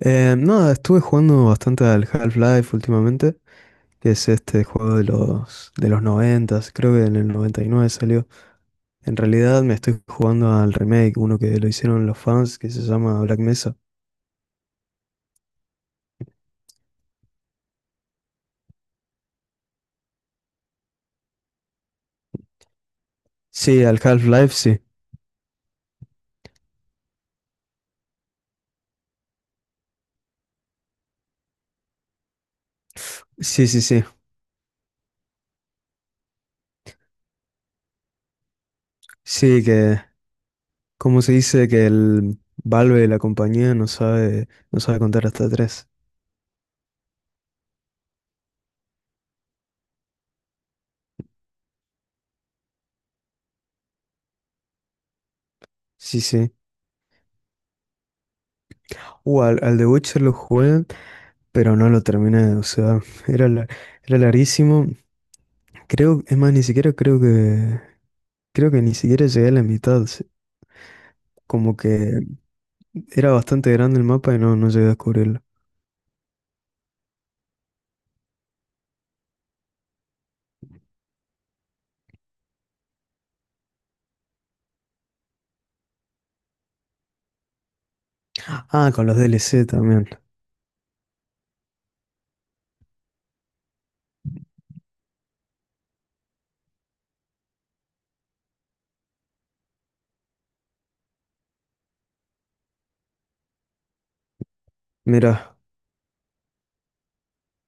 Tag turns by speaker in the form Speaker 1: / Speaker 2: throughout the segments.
Speaker 1: Nada, estuve jugando bastante al Half-Life últimamente, que es este juego de los 90. Creo que en el 99 salió. En realidad me estoy jugando al remake, uno que lo hicieron los fans, que se llama Black Mesa. Sí, al Half-Life, sí. Sí, sí, sí. Sí, que como se dice que el Valve, la compañía, no sabe contar hasta tres. Sí, sí. Al The Witcher lo jugué, pero no lo terminé. O sea, era, la- era larguísimo. Creo, es más, ni siquiera creo que ni siquiera llegué a la mitad. Como que era bastante grande el mapa y no llegué a descubrirlo. Ah, con los DLC también. Mirá.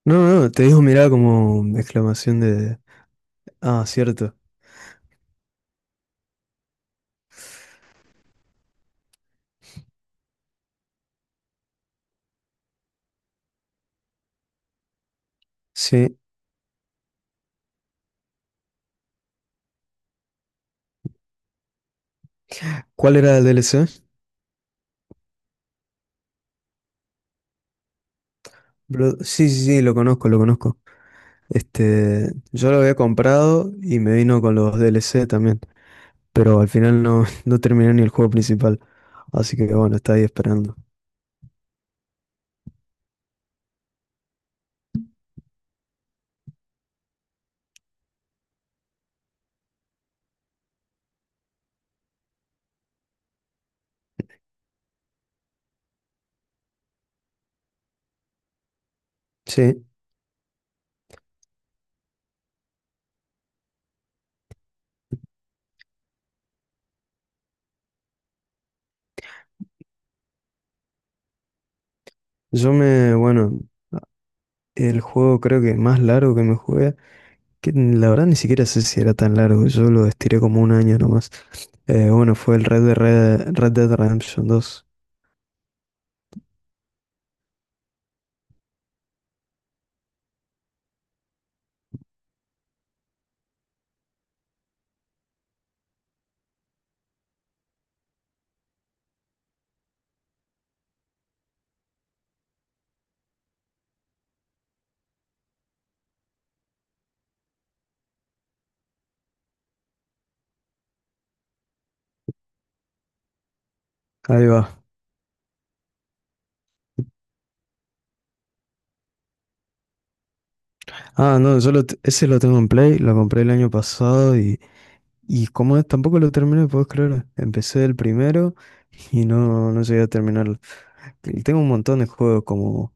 Speaker 1: No, no, no, te dijo mirá como exclamación de... Ah, cierto. Sí. ¿Cuál era el DLC? Sí, sí, sí, lo conozco. Este, yo lo había comprado y me vino con los DLC también. Pero al final no, no terminé ni el juego principal. Así que bueno, está ahí esperando. Sí, yo me, bueno, El juego creo que más largo que me jugué, que la verdad ni siquiera sé si era tan largo, yo lo estiré como un año nomás. Bueno, fue el Red Dead Redemption 2. Ahí va. Ah, no, ese lo tengo en Play, lo compré el año pasado y como es, tampoco lo terminé, puedes creer. Empecé el primero y no, no llegué a terminarlo. Y tengo un montón de juegos, como,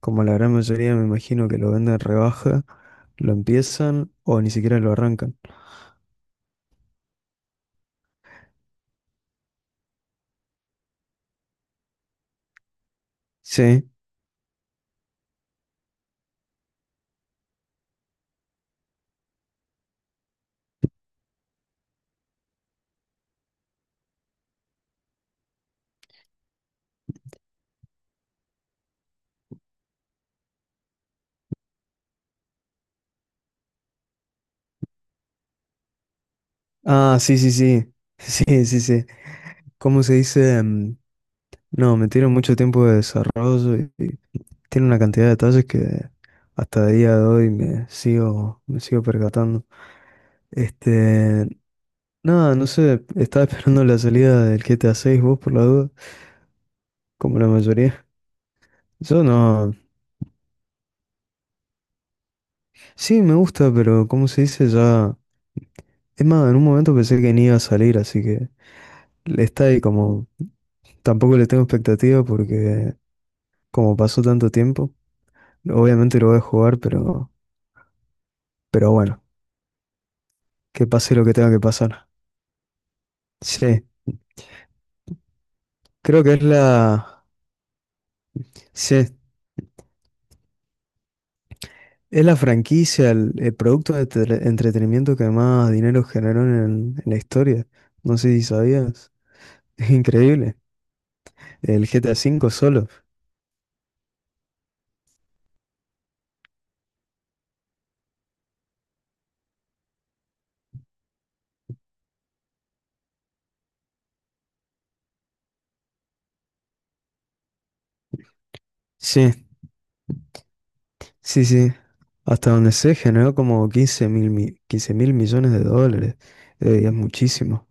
Speaker 1: como la gran mayoría me imagino que lo venden rebaja, lo empiezan o ni siquiera lo arrancan. Sí. Ah, sí, sí, sí. Sí, sí, sí. ¿Cómo se dice? No, me tiene mucho tiempo de desarrollo y tiene una cantidad de detalles que hasta el día de hoy me sigo percatando. Este, nada, no sé, estaba esperando la salida del GTA 6, vos por la duda, como la mayoría. Yo no. Sí, me gusta, pero ¿cómo se dice? Ya. Es más, en un momento pensé que ni iba a salir, así que le está ahí como. Tampoco le tengo expectativa porque como pasó tanto tiempo. Obviamente lo voy a jugar, pero bueno, que pase lo que tenga que pasar. Sí, creo que es la, sí, es la franquicia, el producto de entretenimiento que más dinero generó en la historia. No sé si sabías. Es increíble. El GTA V solo. Sí, sí, sí. Hasta donde sé, generó como 15 mil millones de dólares. Es muchísimo.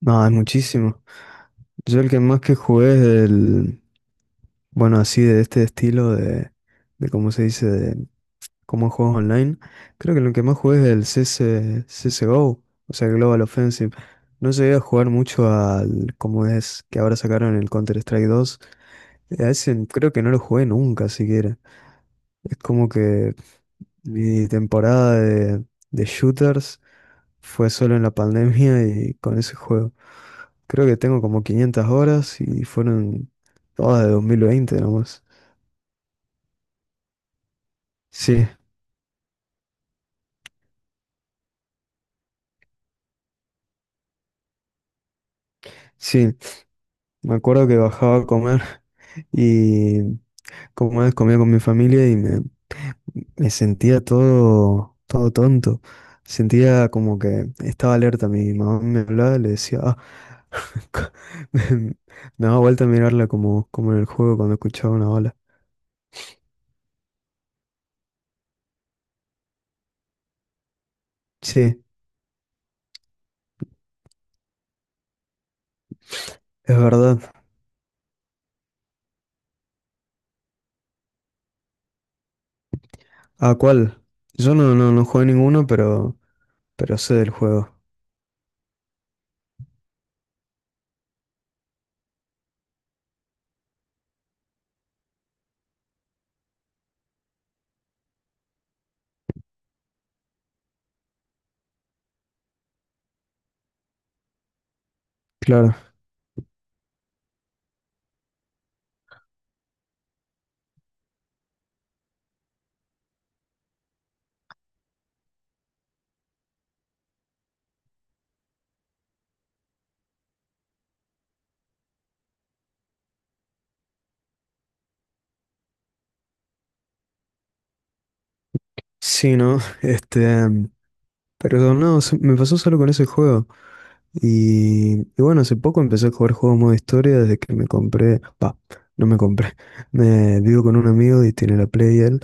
Speaker 1: No, es muchísimo. Yo el que más que jugué es el, Bueno, así de este estilo de cómo se dice, de cómo juegos online, creo que lo que más jugué es el CSGO, o sea, Global Offensive. No llegué a jugar mucho al, como es que ahora sacaron el Counter-Strike 2. A ese creo que no lo jugué nunca siquiera. Es como que mi temporada de shooters fue solo en la pandemia y con ese juego. Creo que tengo como 500 horas y fueron todas de 2020, nomás. Sí. Sí, me acuerdo que bajaba a comer y como vez comía con mi familia me sentía todo tonto. Sentía como que estaba alerta. Mi mamá me hablaba y le decía, ah, co- me, me daba vuelta a mirarla como, como en el juego cuando escuchaba una ola. Sí, es verdad. ¿A cuál? Yo no, no jugué ninguno, pero sé del juego. Claro. Sí, ¿no? Pero no, me pasó solo con ese juego. Y bueno, hace poco empecé a jugar juegos modo historia desde que me compré. No me compré. Me vivo con un amigo y tiene la Play él.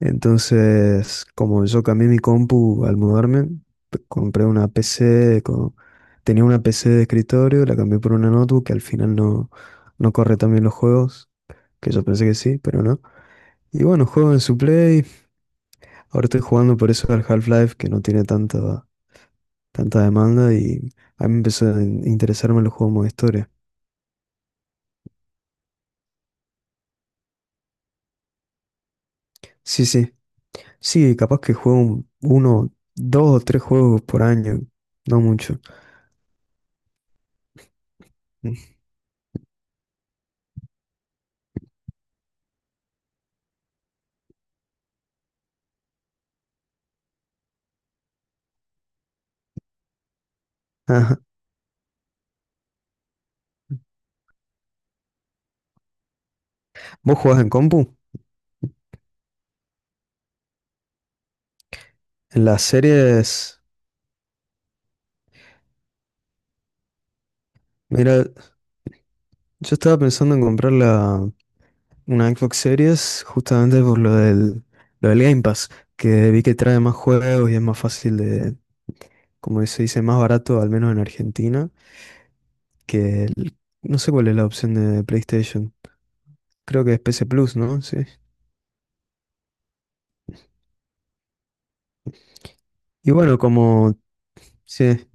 Speaker 1: Entonces, como yo cambié mi compu al mudarme, compré una PC. Tenía una PC de escritorio, la cambié por una notebook que al final no, no corre también los juegos, que yo pensé que sí, pero no. Y bueno, juego en su Play. Ahora estoy jugando por eso al Half-Life, que no tiene tanta demanda y. A mí empezó a interesarme los juegos modo historia. Sí, sí. Sí, capaz que juego uno, dos o tres juegos por año. No mucho. Mm. Ajá. ¿Vos jugás en compu? En las series. Mira, yo estaba pensando en comprar una Xbox Series justamente por lo del Game Pass, que vi que trae más juegos y es más fácil de, como se dice, más barato, al menos en Argentina, que el- no sé cuál es la opción de PlayStation. Creo que es PC Plus, ¿no? Sí. Y bueno, sí,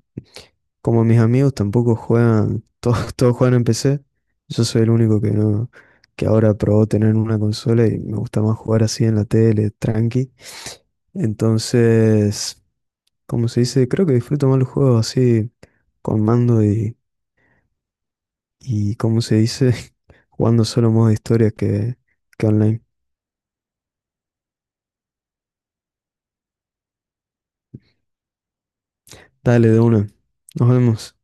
Speaker 1: como mis amigos tampoco juegan, todos, todos juegan en PC, yo soy el único que no, que ahora probó tener una consola y me gusta más jugar así en la tele, tranqui. Entonces, como se dice, creo que disfruto más los juegos así con mando y como se dice, jugando solo modo de historia que online. Dale de una. Nos vemos.